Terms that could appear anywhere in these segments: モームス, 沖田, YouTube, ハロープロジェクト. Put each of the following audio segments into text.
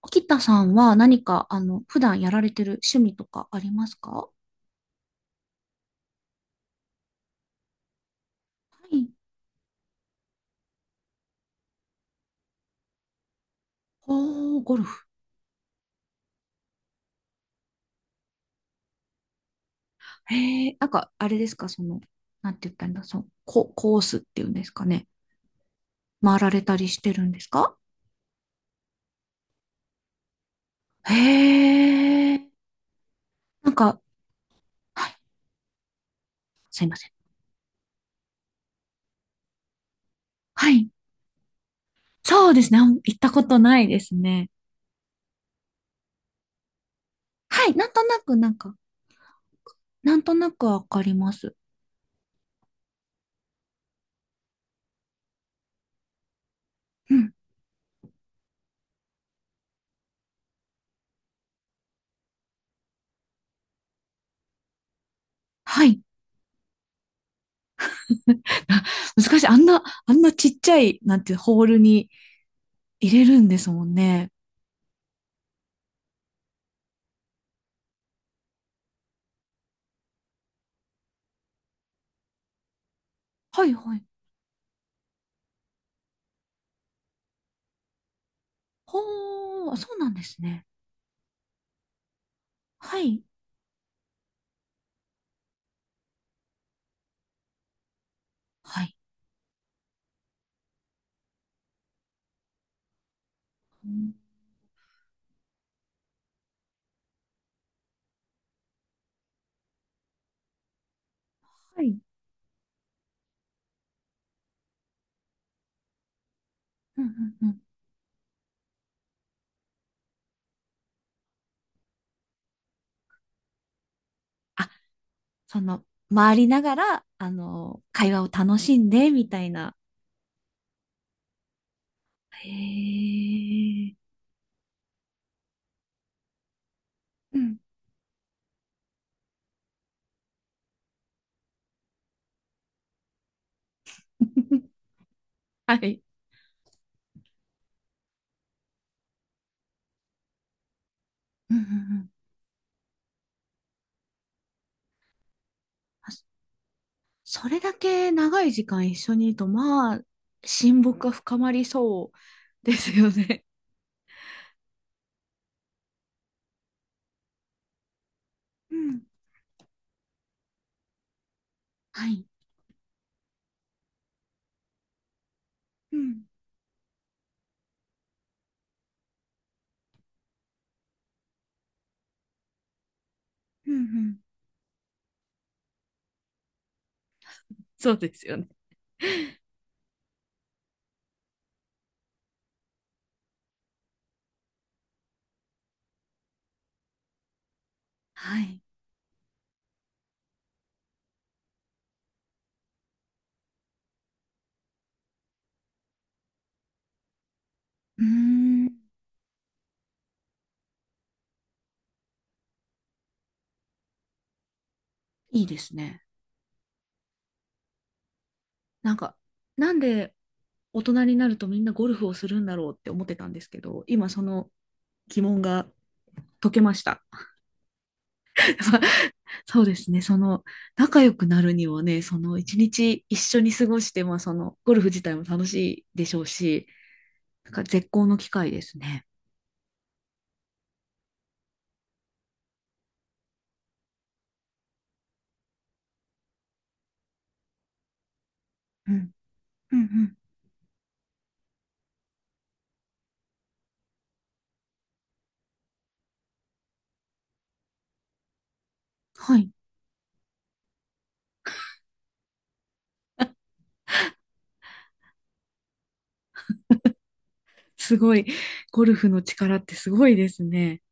沖田さんは何か、普段やられてる趣味とかありますか？はい。おー、ゴルフ。へえ、なんか、あれですか、なんて言ったらいいんだ、コースっていうんですかね。回られたりしてるんですか？へえ、なんか、はい、すいません。はい。そうですね。あんま行ったことないですね。はい。なんとなく、なんとなくわかります。うん。はい。難しい。あんなちっちゃい、なんて、ホールに入れるんですもんね。はいはい。ほー、そうなんですね。はい。はい。うん、はい。うんうんうん。あ、その、回りながら、あの、会話を楽しんで、みたいな。へえ。うん。はい。うんうんうん。あ、そ、それだけ長い時間一緒にいると、まあ、親睦が深まりそうですよね。うん。はい。うん。うんうん。そうですよね。はい。うーん。いいですね。なんか、なんで大人になるとみんなゴルフをするんだろうって思ってたんですけど、今その疑問が解けました。そうですね、その仲良くなるにはね、その一日一緒に過ごして、まあそのゴルフ自体も楽しいでしょうし、なんか絶好の機会ですね。うん。うんうん。はい。すごい。ゴルフの力ってすごいですね。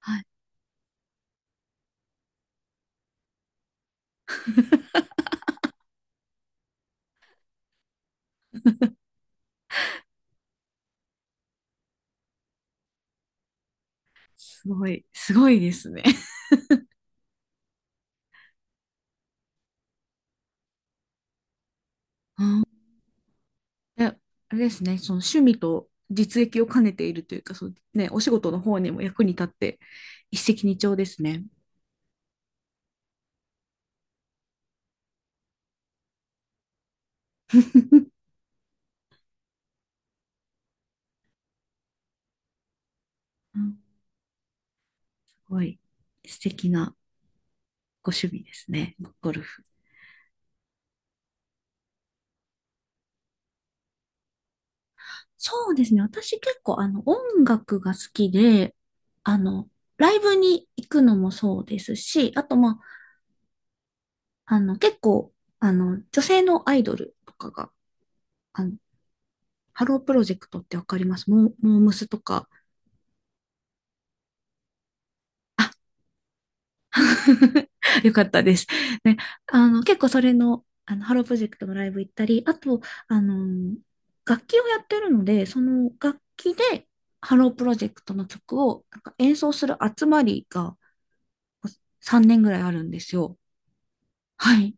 はい。すごい、すごいですね。うん。え、あれですね、その趣味と実益を兼ねているというか、そうね、お仕事の方にも役に立って、一石二鳥ですね。うん、すごい素敵なご趣味ですね、ゴルフ。そうですね。私結構あの音楽が好きで、あの、ライブに行くのもそうですし、あとまあ、あの結構、女性のアイドルとかが、あの、ハロープロジェクトってわかります？モームスとか、あ。 よかったです。ね、あの、結構それの、あの、ハロープロジェクトのライブ行ったり、あと、あの、楽器をやってるので、その楽器でハロープロジェクトの曲をなんか演奏する集まりが3年ぐらいあるんですよ。はい。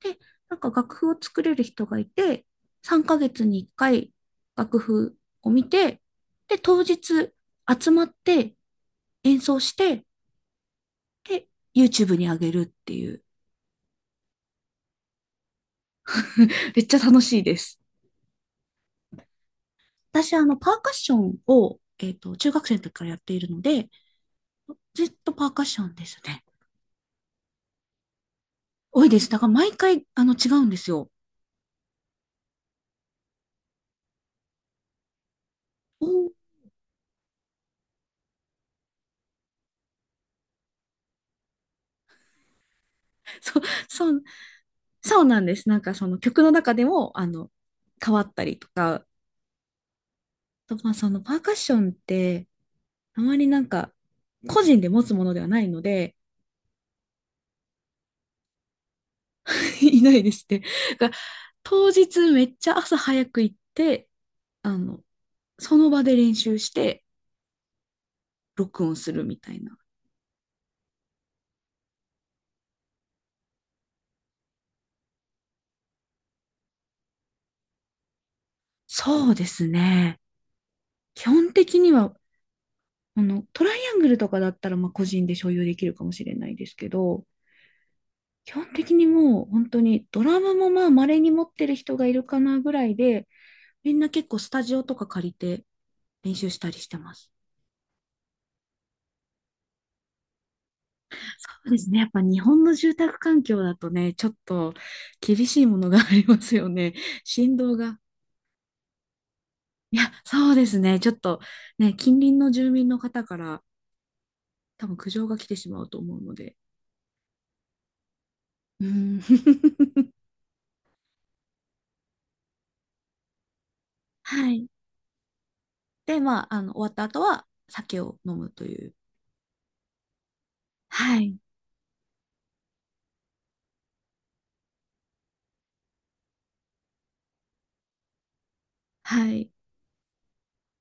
で、なんか楽譜を作れる人がいて、3ヶ月に1回楽譜を見て、で、当日集まって演奏して、で、YouTube に上げるっていう。めっちゃ楽しいです。私、あの、パーカッションを、中学生の時からやっているので、ずっとパーカッションですね。多いです。だから毎回、あの、違うんですよ。お、そう、そう、そうなんです。なんかその曲の中でも、あの、変わったりとか、とまあそのパーカッションって、あまりなんか、個人で持つものではないので、いないですね。が、当日めっちゃ朝早く行って、あの、その場で練習して、録音するみたいな。そうですね。基本的には、あの、トライアングルとかだったら、まあ、個人で所有できるかもしれないですけど、基本的にもう本当にドラムもまあ稀に持ってる人がいるかなぐらいで、みんな結構スタジオとか借りて練習したりしてます。そうですね。やっぱ日本の住宅環境だとね、ちょっと厳しいものがありますよね。振動が。いや、そうですね。ちょっとね、近隣の住民の方から多分苦情が来てしまうと思うので。うん。はい。で、まあ、あの、終わった後は酒を飲むという。はい。はい。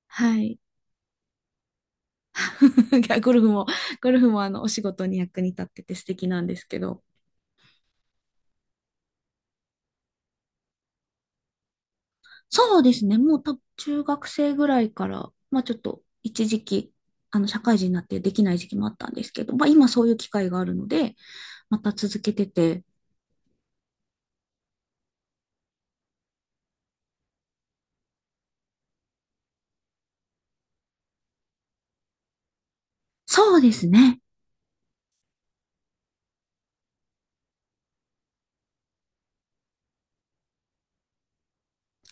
はい。いやゴルフも、ゴルフもあの、お仕事に役に立ってて素敵なんですけど。そうですね。もう多分中学生ぐらいから、まあちょっと一時期、社会人になってできない時期もあったんですけど、まあ今そういう機会があるので、また続けてて。そうですね。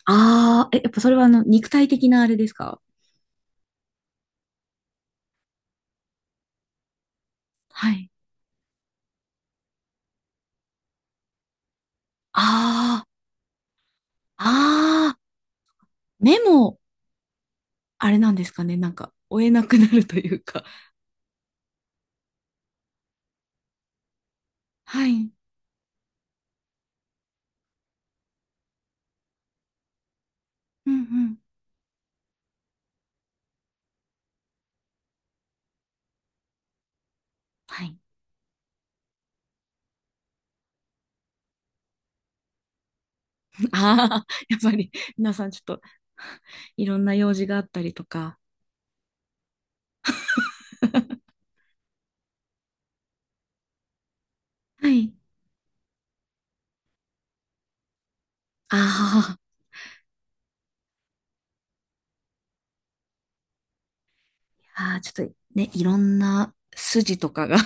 ああ、え、やっぱそれはあの、肉体的なあれですか？はい。ああ、ああ、目も、あれなんですかね、なんか、追えなくなるというか。はい。うんうん。はい。ああ、やっぱり、皆さんちょっと、いろんな用事があったりとか。はい。ああ、ああ、ちょっとね、いろんな筋とかが。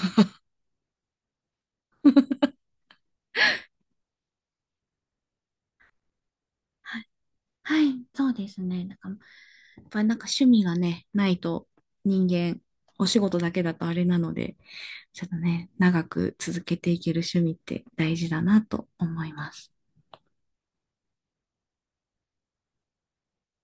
はい、はい、そうですね。なんか、やっぱりなんか趣味がね、ないと人間、お仕事だけだとあれなので、ちょっとね、長く続けていける趣味って大事だなと思います。